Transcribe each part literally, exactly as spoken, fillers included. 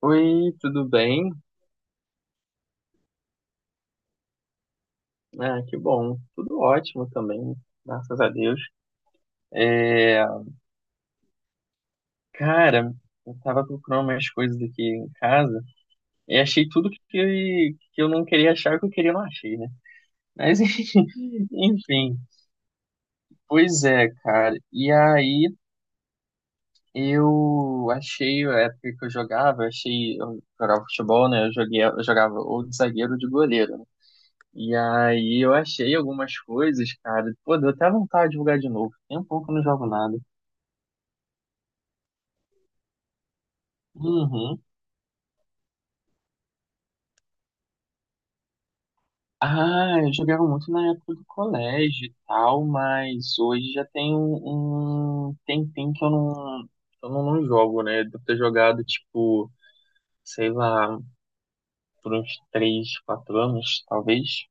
Oi, tudo bem? Ah, que bom. Tudo ótimo também, graças a Deus. É, cara, eu tava procurando umas coisas aqui em casa e achei tudo que, que eu não queria achar, que eu queria não achei, né? Mas enfim, pois é, cara. E aí eu achei, a época que eu jogava, achei, eu jogava futebol, né? Eu joguei, eu jogava ou de zagueiro ou de goleiro, né? E aí eu achei algumas coisas, cara. Pô, deu até vontade de jogar de novo. Tem um pouco que eu não jogo nada. Uhum. Ah, eu jogava muito na época do colégio e tal, mas hoje já tem um, um tempinho que eu não, eu não, não jogo, né? Devo ter jogado, tipo, sei lá, por uns três quatro anos, talvez.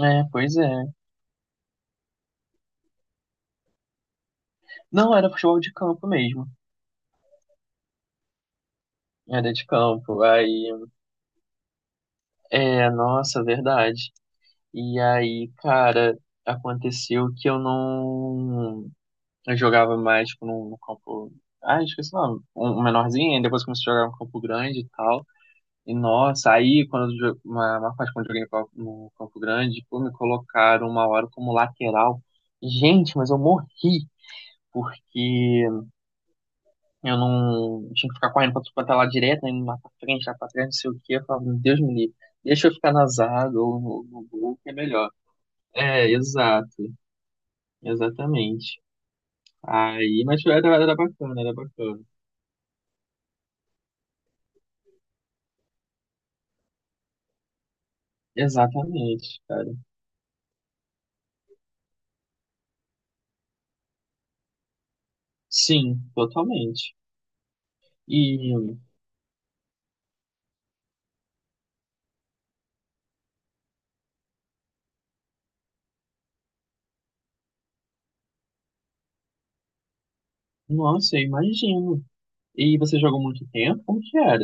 É, pois é. Não, era futebol de campo mesmo. Era de campo. Aí, é, nossa, verdade. E aí, cara, aconteceu que eu não. Eu jogava mais, tipo, num, num campo. Ah, esqueci o nome. Um, um menorzinho, aí depois comecei a jogar no campo grande e tal. E nossa, aí quando eu jo- uma, uma parte quando eu joguei no, campo no campo grande, pô, me colocaram uma hora como lateral. Gente, mas eu morri, porque eu não tinha que ficar correndo pra tudo quanto é lá direto, né? Indo lá pra frente, lá pra trás, não sei o quê. Eu falava, meu Deus me livre, deixa eu ficar na zaga ou no, no gol, que é melhor. É, exato. Exatamente. Aí, mas era, era bacana, era bacana. Exatamente, cara. Sim, totalmente. E, nossa, eu imagino. E você jogou muito tempo? Como que era?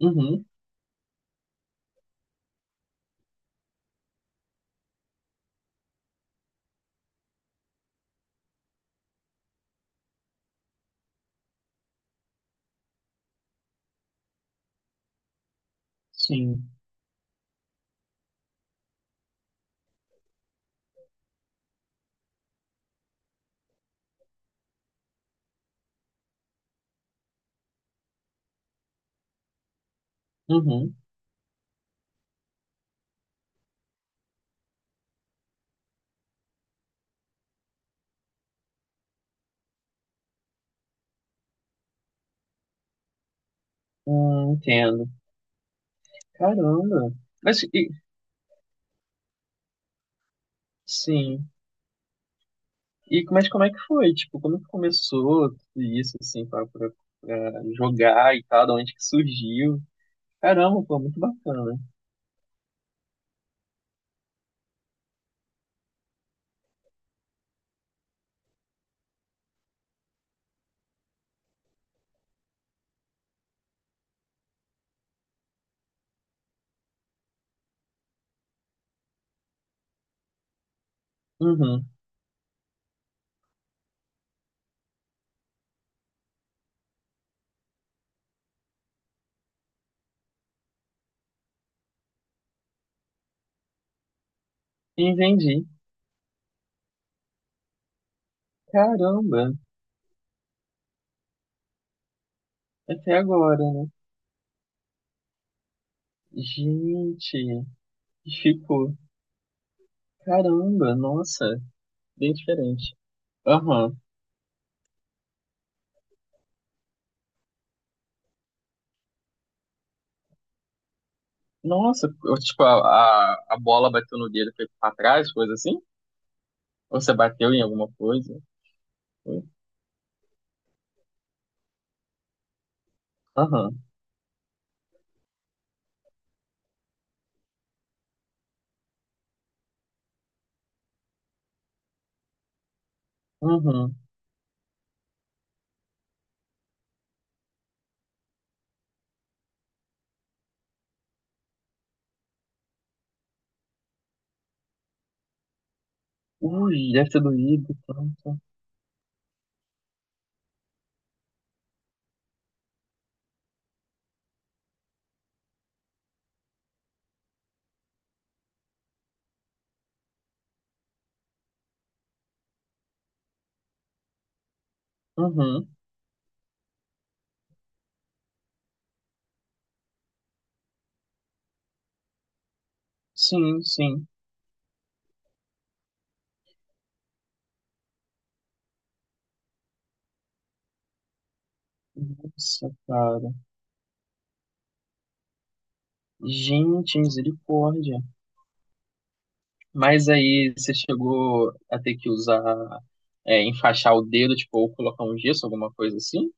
Uhum, sim. Uhum. Hum, entendo. Caramba. Mas, e- sim. E, mas como é que foi? Tipo, como que começou tudo isso, assim, pra, pra, pra jogar e tal? De onde que surgiu? Caramba, pô, muito bacana. Uhum. Entendi. Caramba. Até agora, né? Gente, ficou. Caramba, nossa, bem diferente. Aham. Nossa, eu, tipo, a, a, a bola bateu no dedo e foi pra trás, coisa assim? Ou você bateu em alguma coisa? Foi? Aham. Uhum. Ui, deve ter doído tanto. Uhum. Sim, sim. Nossa, cara. Gente, misericórdia. Mas aí você chegou a ter que usar, é, enfaixar o dedo, tipo, ou colocar um gesso, alguma coisa assim?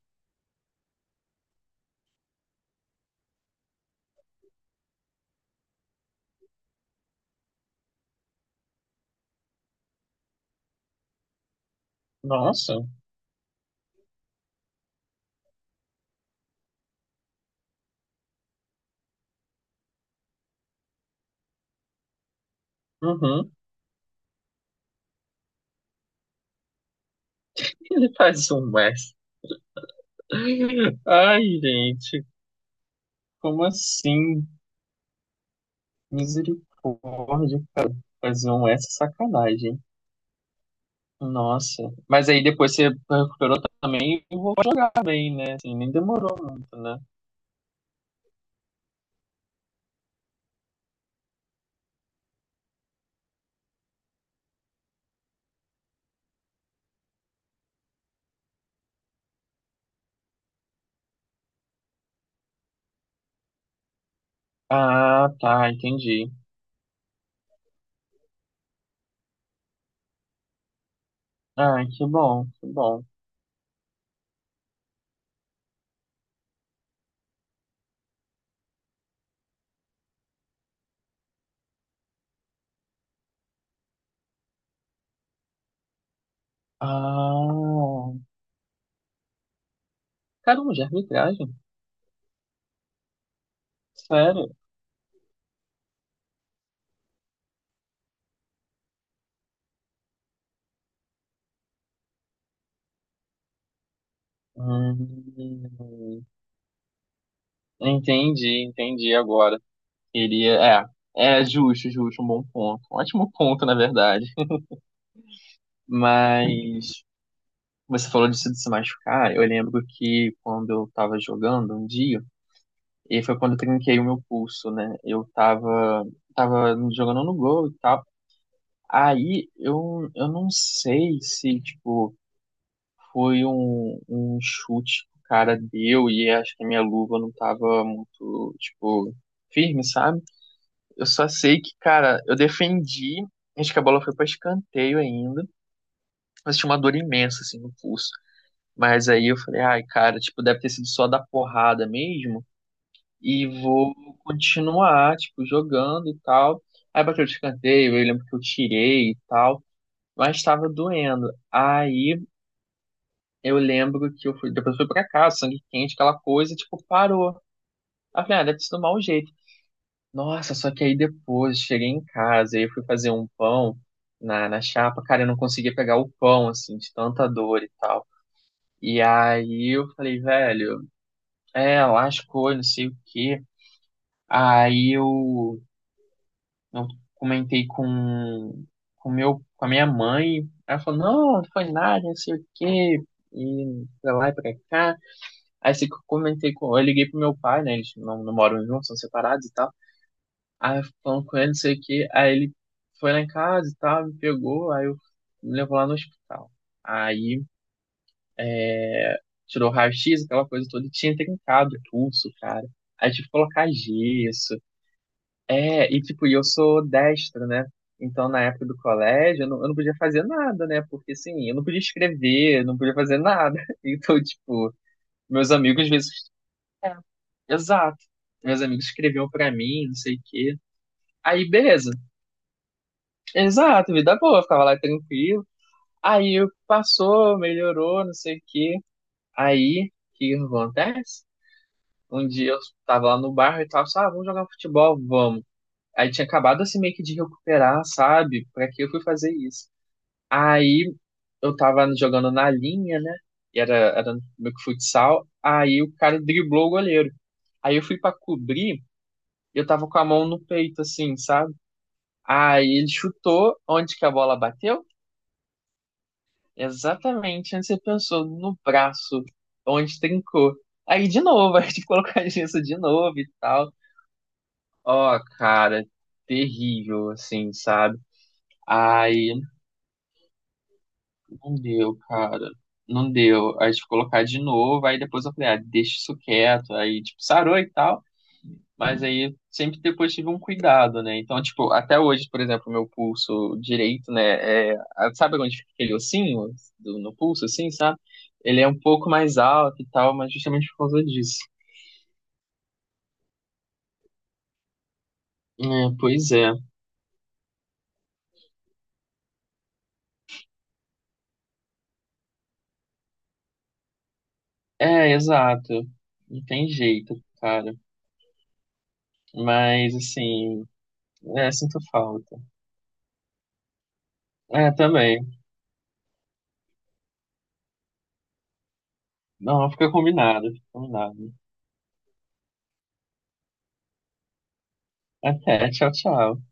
Nossa. Uhum. Ele faz um Wes. Ai, gente, como assim? Misericórdia, cara. Fazer um esse é sacanagem. Nossa. Mas aí depois você recuperou também e vou jogar bem, né? Assim, nem demorou muito, né? Ah, tá, entendi. Ah, que bom, que bom. Ah, caramba, de arbitragem? Sério? Hum, entendi, entendi agora. Iria, é, é é justo, justo, um bom ponto. Um ótimo ponto, na verdade. Mas você falou disso de se machucar. Eu lembro que quando eu tava jogando um dia, e foi quando eu trinquei o meu pulso, né? Eu tava, tava jogando no gol e tal. Aí eu, eu não sei se, tipo, foi um, um chute que o cara deu e acho que a minha luva não tava muito, tipo, firme, sabe? Eu só sei que, cara, eu defendi. Acho que a bola foi pra escanteio ainda. Mas tinha uma dor imensa, assim, no pulso. Mas aí eu falei, ai, cara, tipo, deve ter sido só da porrada mesmo. E vou continuar, tipo, jogando e tal. Aí bateu o escanteio, eu lembro que eu tirei e tal. Mas estava doendo. Aí eu lembro que eu fui, depois eu fui pra casa, sangue quente, aquela coisa, tipo, parou. Aí eu falei, ah, deve ter sido mau jeito. Nossa, só que aí depois cheguei em casa e eu fui fazer um pão na, na chapa, cara, eu não conseguia pegar o pão, assim, de tanta dor e tal. E aí eu falei, velho, é, lascou, e não sei o quê. Aí eu, eu comentei com, com, meu, com a minha mãe, ela falou, não, não foi nada, não sei o quê, e pra lá e pra cá. Aí assim, que eu comentei com, eu liguei pro meu pai, né, eles não, não moram juntos, são separados e tal. Aí eu falando com ele, não sei o quê. Aí ele foi lá em casa e tal, me pegou, aí eu me levou lá no hospital. Aí é, tirou raio xis, aquela coisa toda, e tinha trincado o pulso, cara. Aí tive que colocar gesso. É, e tipo, e eu sou destro, né? Então, na época do colégio, eu não, eu não podia fazer nada, né? Porque, assim, eu não podia escrever, eu não podia fazer nada. Então, tipo, meus amigos, às vezes... Exato. Meus amigos escreviam pra mim, não sei o quê. Aí, beleza. Exato, vida boa. Eu ficava lá tranquilo. Aí eu- passou, melhorou, não sei o quê. Aí, o que acontece? Um dia eu tava lá no bar e tal, sabe, ah, vamos jogar futebol, vamos. Aí tinha acabado assim meio que de recuperar, sabe? Pra que eu fui fazer isso? Aí eu tava jogando na linha, né? E era, era meio que futsal. Aí o cara driblou o goleiro. Aí eu fui pra cobrir, e eu tava com a mão no peito, assim, sabe? Aí ele chutou onde que a bola bateu? Exatamente, onde você pensou no braço, onde trincou. Aí de novo, aí de colocar gesso de novo e tal. Ó, cara, terrível, assim, sabe? Aí não deu, cara. Não deu. Aí tive que colocar de novo, aí depois eu falei, ah, deixa isso quieto. Aí, tipo, sarou e tal. Mas aí sempre depois tive um cuidado, né? Então, tipo, até hoje, por exemplo, meu pulso direito, né? É, a- sabe onde fica aquele ossinho do, no pulso, assim, sabe? Ele é um pouco mais alto e tal, mas justamente por causa disso. É, pois é. É, exato. Não tem jeito, cara. Mas, assim, é, sinto falta. É, também. Não, fica combinado, fica combinado. Até, tchau, tchau.